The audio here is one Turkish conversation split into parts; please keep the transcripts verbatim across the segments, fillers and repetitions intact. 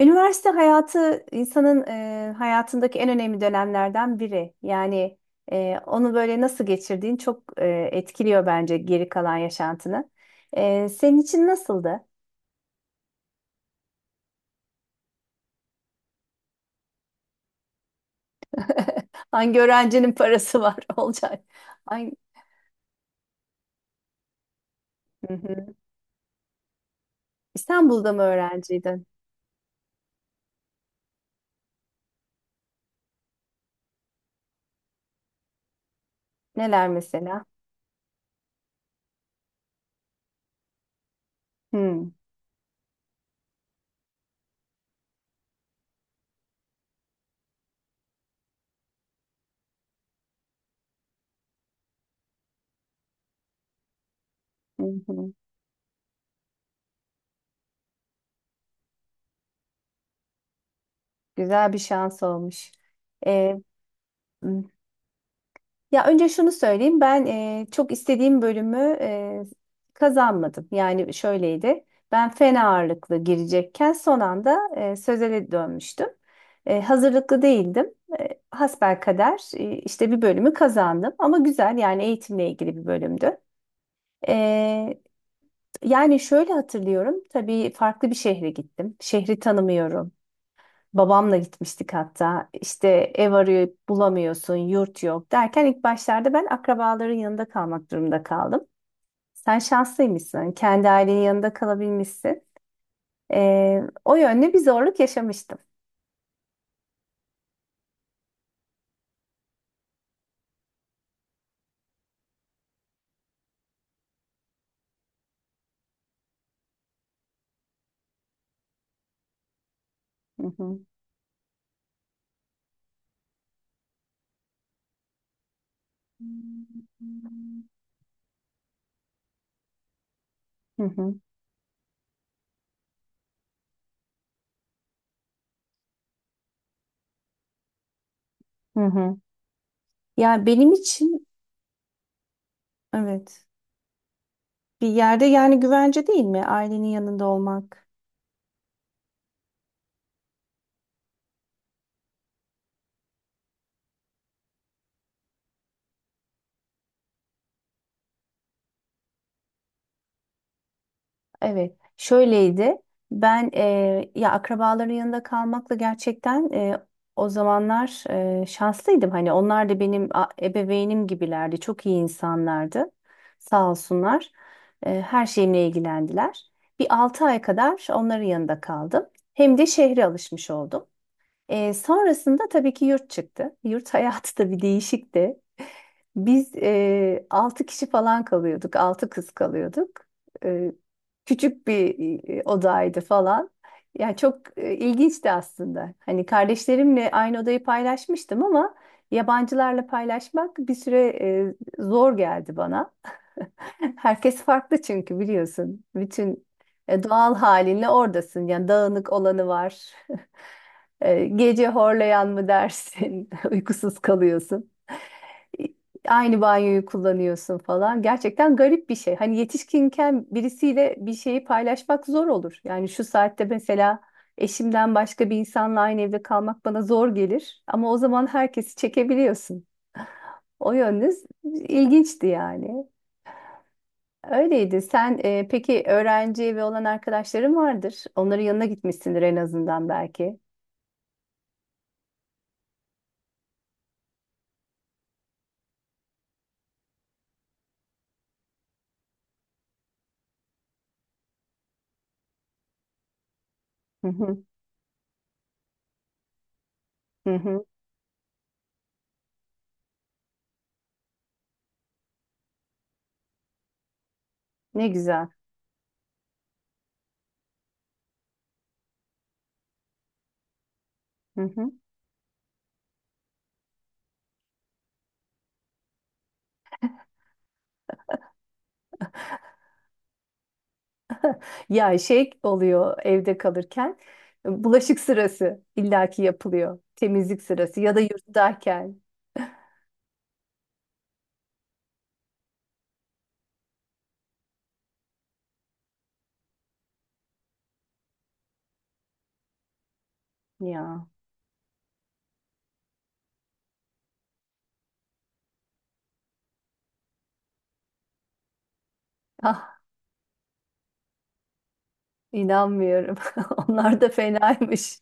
Üniversite hayatı insanın e, hayatındaki en önemli dönemlerden biri. Yani e, onu böyle nasıl geçirdiğin çok e, etkiliyor bence geri kalan yaşantını. E, senin için nasıldı? Hangi öğrencinin parası var olacak? Hangi... Hı hı. İstanbul'da mı öğrenciydin? Neler mesela? Hı, hı hı. Güzel bir şans olmuş. E, Ya önce şunu söyleyeyim. Ben e, çok istediğim bölümü e, kazanmadım. Yani şöyleydi. Ben fen ağırlıklı girecekken son anda e, sözele dönmüştüm. E, hazırlıklı değildim. E, hasbelkader e, işte bir bölümü kazandım. Ama güzel yani eğitimle ilgili bir bölümdü. E, Yani şöyle hatırlıyorum. Tabii farklı bir şehre gittim. Şehri tanımıyorum. Babamla gitmiştik hatta. İşte ev arayıp bulamıyorsun, yurt yok derken ilk başlarda ben akrabaların yanında kalmak durumunda kaldım. Sen şanslıymışsın. Kendi ailenin yanında kalabilmişsin. Ee, o yönde bir zorluk yaşamıştım. Hı hı. Hı hı. Hı hı. Yani benim için evet, bir yerde yani güvence değil mi ailenin yanında olmak? Evet, şöyleydi. Ben eee, ya akrabaların yanında kalmakla gerçekten eee, o zamanlar eee, şanslıydım. Hani onlar da benim a- ebeveynim gibilerdi. Çok iyi insanlardı. Sağ olsunlar. Eee, her şeyimle ilgilendiler. Bir altı ay kadar onların yanında kaldım. Hem de şehre alışmış oldum. Eee, sonrasında tabii ki yurt çıktı. Yurt hayatı da bir değişikti. Biz e, altı kişi falan kalıyorduk. Altı kız kalıyorduk. E, Küçük bir e, odaydı falan. Yani çok e, ilginçti aslında. Hani kardeşlerimle aynı odayı paylaşmıştım ama yabancılarla paylaşmak bir süre e, zor geldi bana. Herkes farklı çünkü biliyorsun. Bütün e, doğal halinle oradasın. Yani dağınık olanı var. E, Gece horlayan mı dersin? Uykusuz kalıyorsun, aynı banyoyu kullanıyorsun falan. Gerçekten garip bir şey. Hani yetişkinken birisiyle bir şeyi paylaşmak zor olur. Yani şu saatte mesela eşimden başka bir insanla aynı evde kalmak bana zor gelir. Ama o zaman herkesi çekebiliyorsun. O yönünüz ilginçti yani. Öyleydi. Sen e, peki öğrenci evi olan arkadaşların vardır. Onların yanına gitmişsindir en azından belki. Hı hı, hı hı. Ne güzel. Hı hı. Ya şey oluyor, evde kalırken bulaşık sırası illaki yapılıyor. Temizlik sırası ya da yurttayken. Ya, ah, inanmıyorum. Onlar da fenaymış.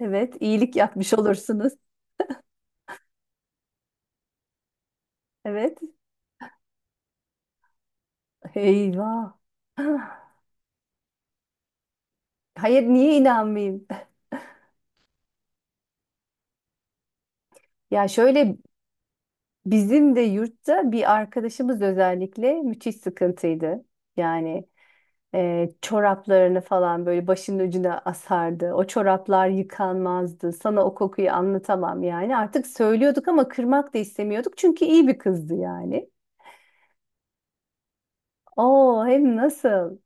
Evet, iyilik yapmış olursunuz. Evet. Eyvah. Hayır, niye inanmayayım? Ya şöyle, bizim de yurtta bir arkadaşımız özellikle müthiş sıkıntıydı. Yani e, çoraplarını falan böyle başının ucuna asardı. O çoraplar yıkanmazdı. Sana o kokuyu anlatamam yani. Artık söylüyorduk ama kırmak da istemiyorduk. Çünkü iyi bir kızdı yani. Oo, hem nasıl?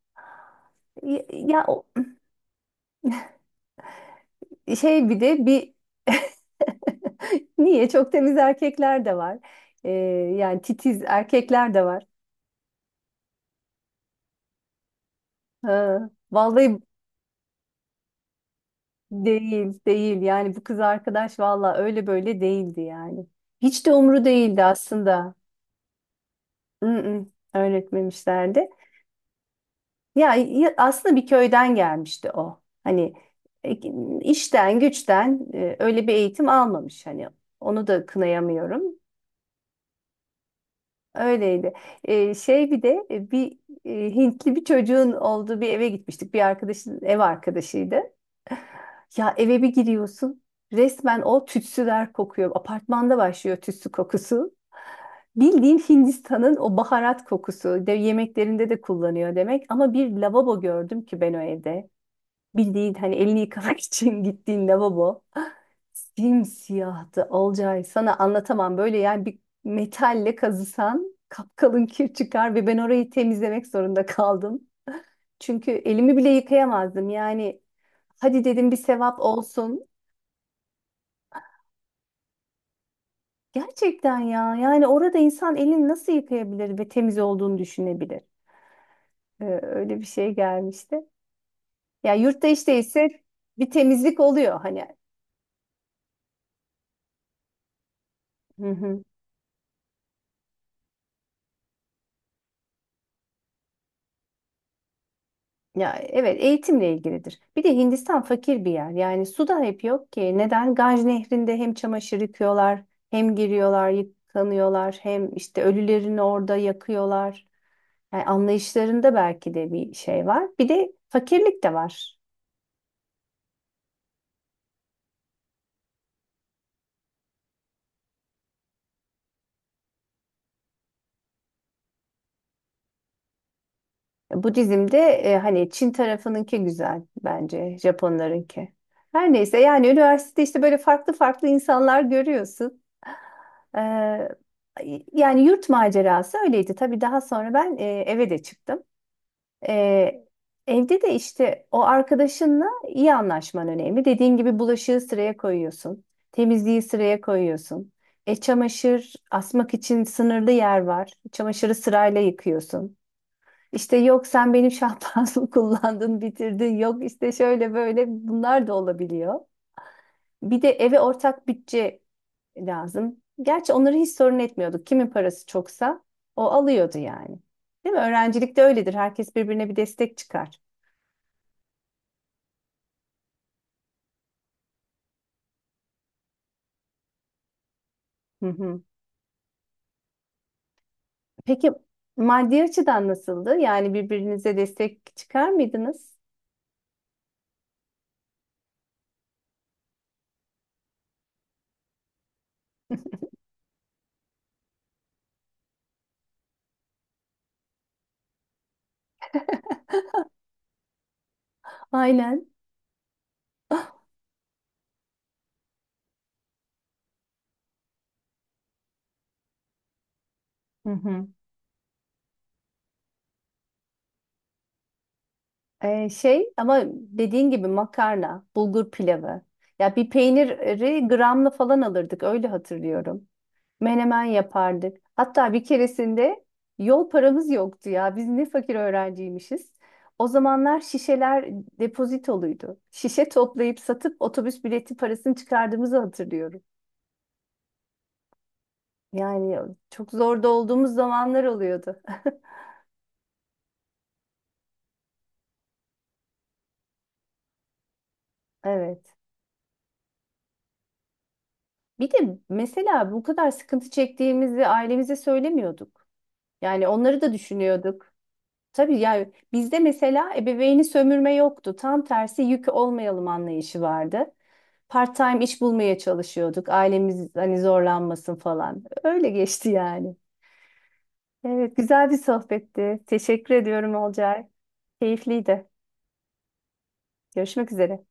Ya, ya o şey, bir de bir niye? Çok temiz erkekler de var. E, Yani titiz erkekler de var. Ha, vallahi değil, değil. Yani bu kız arkadaş vallahi öyle böyle değildi yani. Hiç de umru değildi aslında. Mm-mm, öğretmemişlerdi. Ya, ya- aslında bir köyden gelmişti o. Hani e, işten güçten e, öyle bir eğitim almamış hani. Onu da kınayamıyorum. Öyleydi. E, şey, bir de e, bir e, Hintli bir çocuğun olduğu bir eve gitmiştik. Bir arkadaşın ev arkadaşıydı. Ya eve bir giriyorsun. Resmen o tütsüler kokuyor. Apartmanda başlıyor tütsü kokusu. Bildiğin Hindistan'ın o baharat kokusu. De, yemeklerinde de kullanıyor demek. Ama bir lavabo gördüm ki ben o evde. Bildiğin hani elini yıkamak için gittiğin lavabo. Simsiyahtı Olcay. Sana anlatamam. Böyle yani bir metalle kazısan kapkalın kir çıkar ve ben orayı temizlemek zorunda kaldım. Çünkü elimi bile yıkayamazdım. Yani hadi dedim, bir sevap olsun. Gerçekten ya. Yani orada insan elini nasıl yıkayabilir ve temiz olduğunu düşünebilir? Ee, öyle bir şey gelmişti. Ya yurtta işte ise bir temizlik oluyor hani. Hı hı. Ya evet, eğitimle ilgilidir. Bir de Hindistan fakir bir yer. Yani su da hep yok ki. Neden? Ganj Nehri'nde hem çamaşır yıkıyorlar, hem giriyorlar, yıkanıyorlar, hem işte ölülerini orada yakıyorlar. Yani anlayışlarında belki de bir şey var. Bir de fakirlik de var. Budizm'de e, hani Çin tarafınınki güzel, bence Japonlarınki. Her neyse, yani üniversitede işte böyle farklı farklı insanlar görüyorsun. Ee, Yani yurt macerası öyleydi. Tabii daha sonra ben e, eve de çıktım. Ee, Evde de işte o arkadaşınla iyi anlaşman önemli. Dediğin gibi bulaşığı sıraya koyuyorsun. Temizliği sıraya koyuyorsun. E, çamaşır asmak için sınırlı yer var. Çamaşırı sırayla yıkıyorsun. İşte yok sen benim şampuanımı kullandın, bitirdin. Yok işte şöyle böyle, bunlar da olabiliyor. Bir de eve ortak bütçe lazım. Gerçi onları hiç sorun etmiyorduk. Kimin parası çoksa o alıyordu yani. Değil mi? Öğrencilikte öyledir. Herkes birbirine bir destek çıkar. Hı hı. Peki maddi açıdan nasıldı? Yani birbirinize destek çıkar mıydınız? Aynen. Hı hı. Ee, şey, ama dediğin gibi makarna, bulgur pilavı. Ya bir peyniri gramla falan alırdık, öyle hatırlıyorum. Menemen yapardık. Hatta bir keresinde yol paramız yoktu ya. Biz ne fakir öğrenciymişiz. O zamanlar şişeler depozitoluydu. Şişe toplayıp satıp otobüs bileti parasını çıkardığımızı hatırlıyorum. Yani çok zorda olduğumuz zamanlar oluyordu. Evet. Bir de mesela bu kadar sıkıntı çektiğimizi ailemize söylemiyorduk. Yani onları da düşünüyorduk. Tabii yani bizde mesela ebeveyni sömürme yoktu. Tam tersi yük olmayalım anlayışı vardı. Part-time iş bulmaya çalışıyorduk. Ailemiz hani zorlanmasın falan. Öyle geçti yani. Evet, güzel bir sohbetti. Teşekkür ediyorum Olcay. Keyifliydi. Görüşmek üzere.